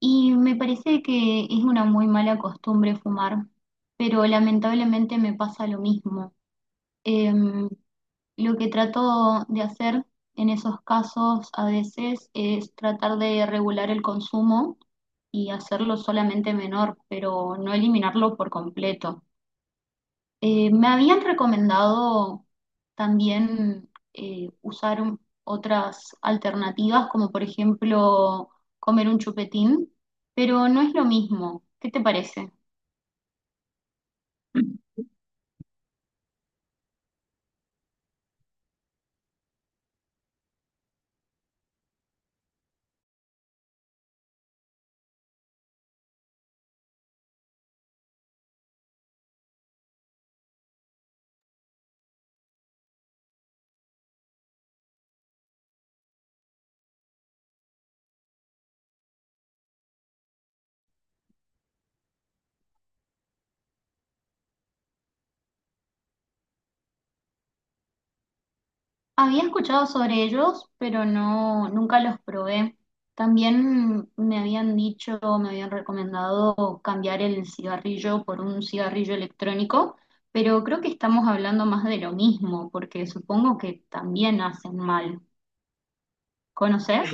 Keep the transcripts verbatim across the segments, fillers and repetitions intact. Y me parece que es una muy mala costumbre fumar, pero lamentablemente me pasa lo mismo. Em, lo que trato de hacer en esos casos a veces es tratar de regular el consumo y hacerlo solamente menor, pero no eliminarlo por completo. Eh, me habían recomendado también eh, usar un- otras alternativas, como por ejemplo comer un chupetín, pero no es lo mismo. ¿Qué te parece? Había escuchado sobre ellos, pero no, nunca los probé. También me habían dicho, me habían recomendado cambiar el cigarrillo por un cigarrillo electrónico, pero creo que estamos hablando más de lo mismo, porque supongo que también hacen mal. ¿Conoces?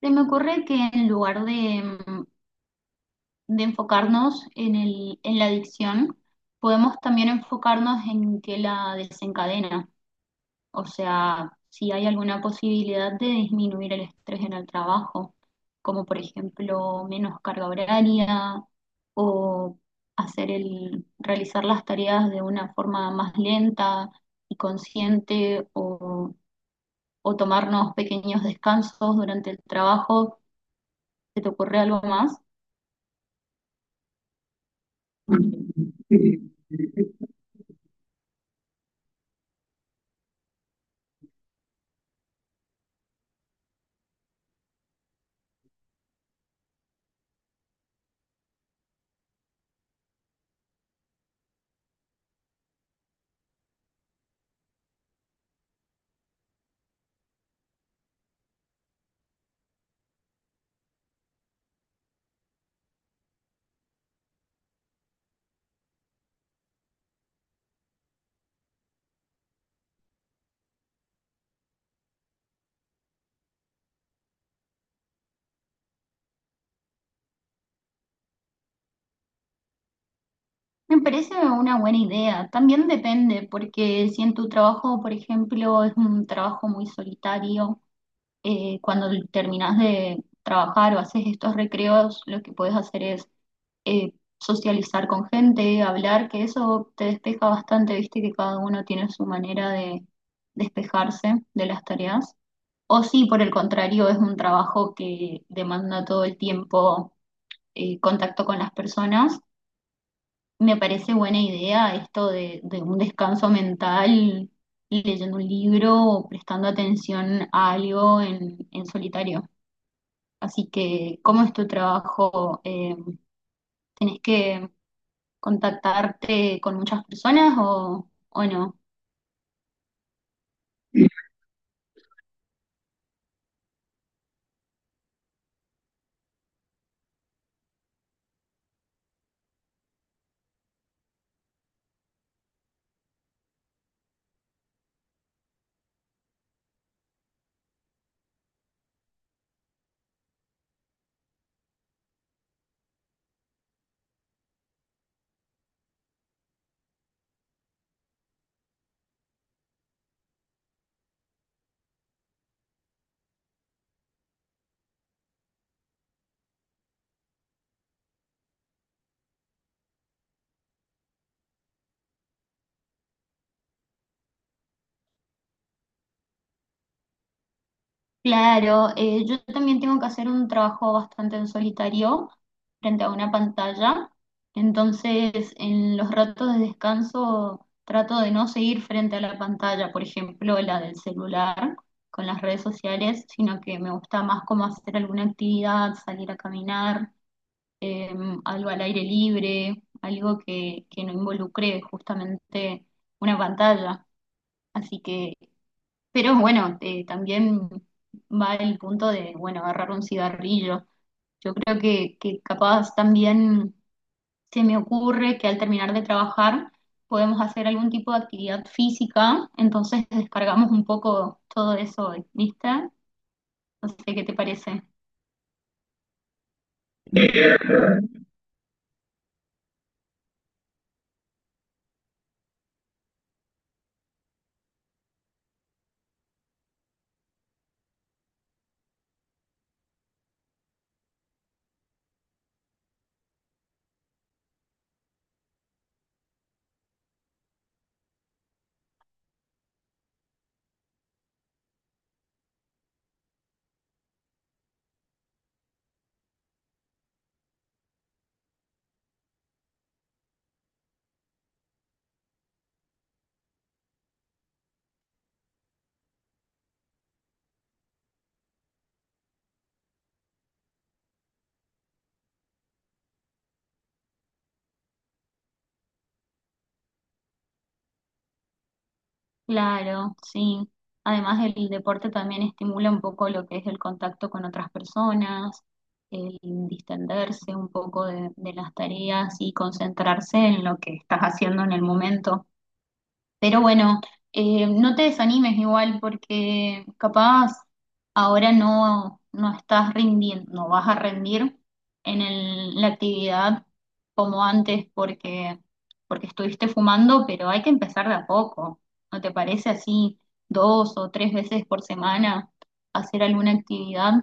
Se me ocurre que en lugar de, mm, de enfocarnos en el, en la adicción, podemos también enfocarnos en qué la desencadena, o sea, si hay alguna posibilidad de disminuir el estrés en el trabajo, como por ejemplo menos carga horaria o hacer el, realizar las tareas de una forma más lenta y consciente o, o tomarnos pequeños descansos durante el trabajo. ¿Se te ocurre algo más? Me parece una buena idea. También depende, porque si en tu trabajo, por ejemplo, es un trabajo muy solitario, eh, cuando terminas de trabajar o haces estos recreos, lo que puedes hacer es eh, socializar con gente, hablar, que eso te despeja bastante, viste que cada uno tiene su manera de despejarse de las tareas. O si por el contrario es un trabajo que demanda todo el tiempo eh, contacto con las personas. Me parece buena idea esto de, de un descanso mental, leyendo un libro o prestando atención a algo en, en solitario. Así que, ¿cómo es tu trabajo? Eh, ¿tenés que contactarte con muchas personas o, o no? Claro, eh, yo también tengo que hacer un trabajo bastante en solitario frente a una pantalla, entonces en los ratos de descanso trato de no seguir frente a la pantalla, por ejemplo, la del celular con las redes sociales, sino que me gusta más como hacer alguna actividad, salir a caminar, eh, algo al aire libre, algo que, que no involucre justamente una pantalla. Así que pero bueno, eh, también va el punto de, bueno, agarrar un cigarrillo. Yo creo que, que capaz también se me ocurre que al terminar de trabajar podemos hacer algún tipo de actividad física, entonces descargamos un poco todo eso, ¿viste? No sé qué te parece. Claro, sí. Además, el deporte también estimula un poco lo que es el contacto con otras personas, el distenderse un poco de, de las tareas y concentrarse en lo que estás haciendo en el momento. Pero bueno, eh, no te desanimes igual porque capaz ahora no, no estás rindiendo, no vas a rendir en el- la actividad como antes porque, porque estuviste fumando, pero hay que empezar de a poco. ¿No te parece así dos o tres veces por semana hacer alguna actividad?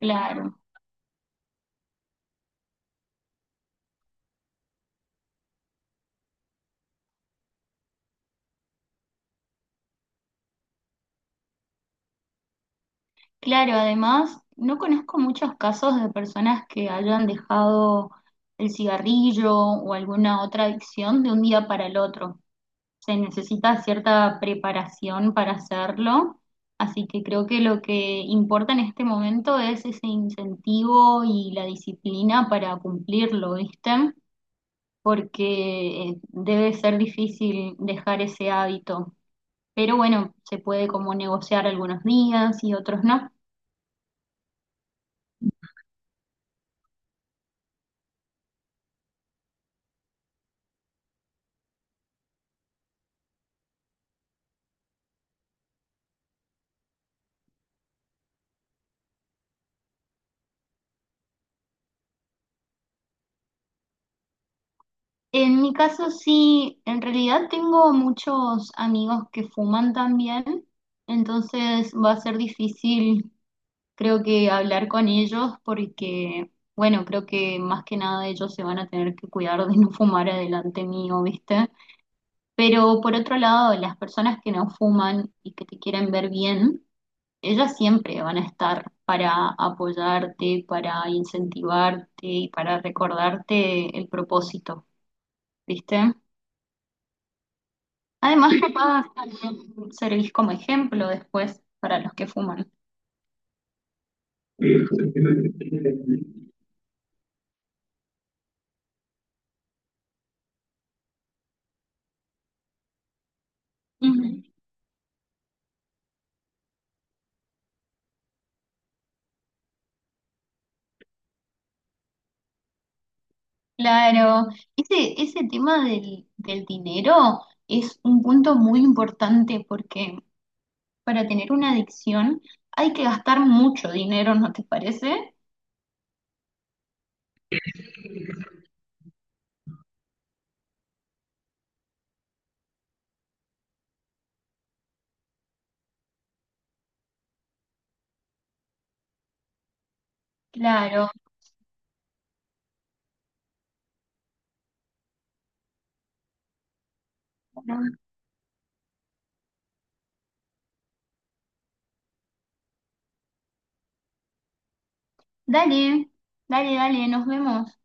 Claro. Claro, además, no conozco muchos casos de personas que hayan dejado el cigarrillo o alguna otra adicción de un día para el otro. Se necesita cierta preparación para hacerlo, así que creo que lo que importa en este momento es ese incentivo y la disciplina para cumplirlo, ¿viste? Porque eh, debe ser difícil dejar ese hábito. Pero bueno, se puede como negociar algunos días y otros no. En mi caso sí, en realidad tengo muchos amigos que fuman también, entonces va a ser difícil creo que hablar con ellos porque, bueno, creo que más que nada ellos se van a tener que cuidar de no fumar adelante mío, ¿viste? Pero por otro lado, las personas que no fuman y que te quieren ver bien, ellas siempre van a estar para apoyarte, para incentivarte y para recordarte el propósito, ¿viste? Además, capaz también servís como ejemplo después para los que fuman. Ujú. Claro, ese, ese tema del, del dinero es un punto muy importante porque para tener una adicción hay que gastar mucho dinero, ¿no te parece? Claro. Dale, dale, dale, nos vemos.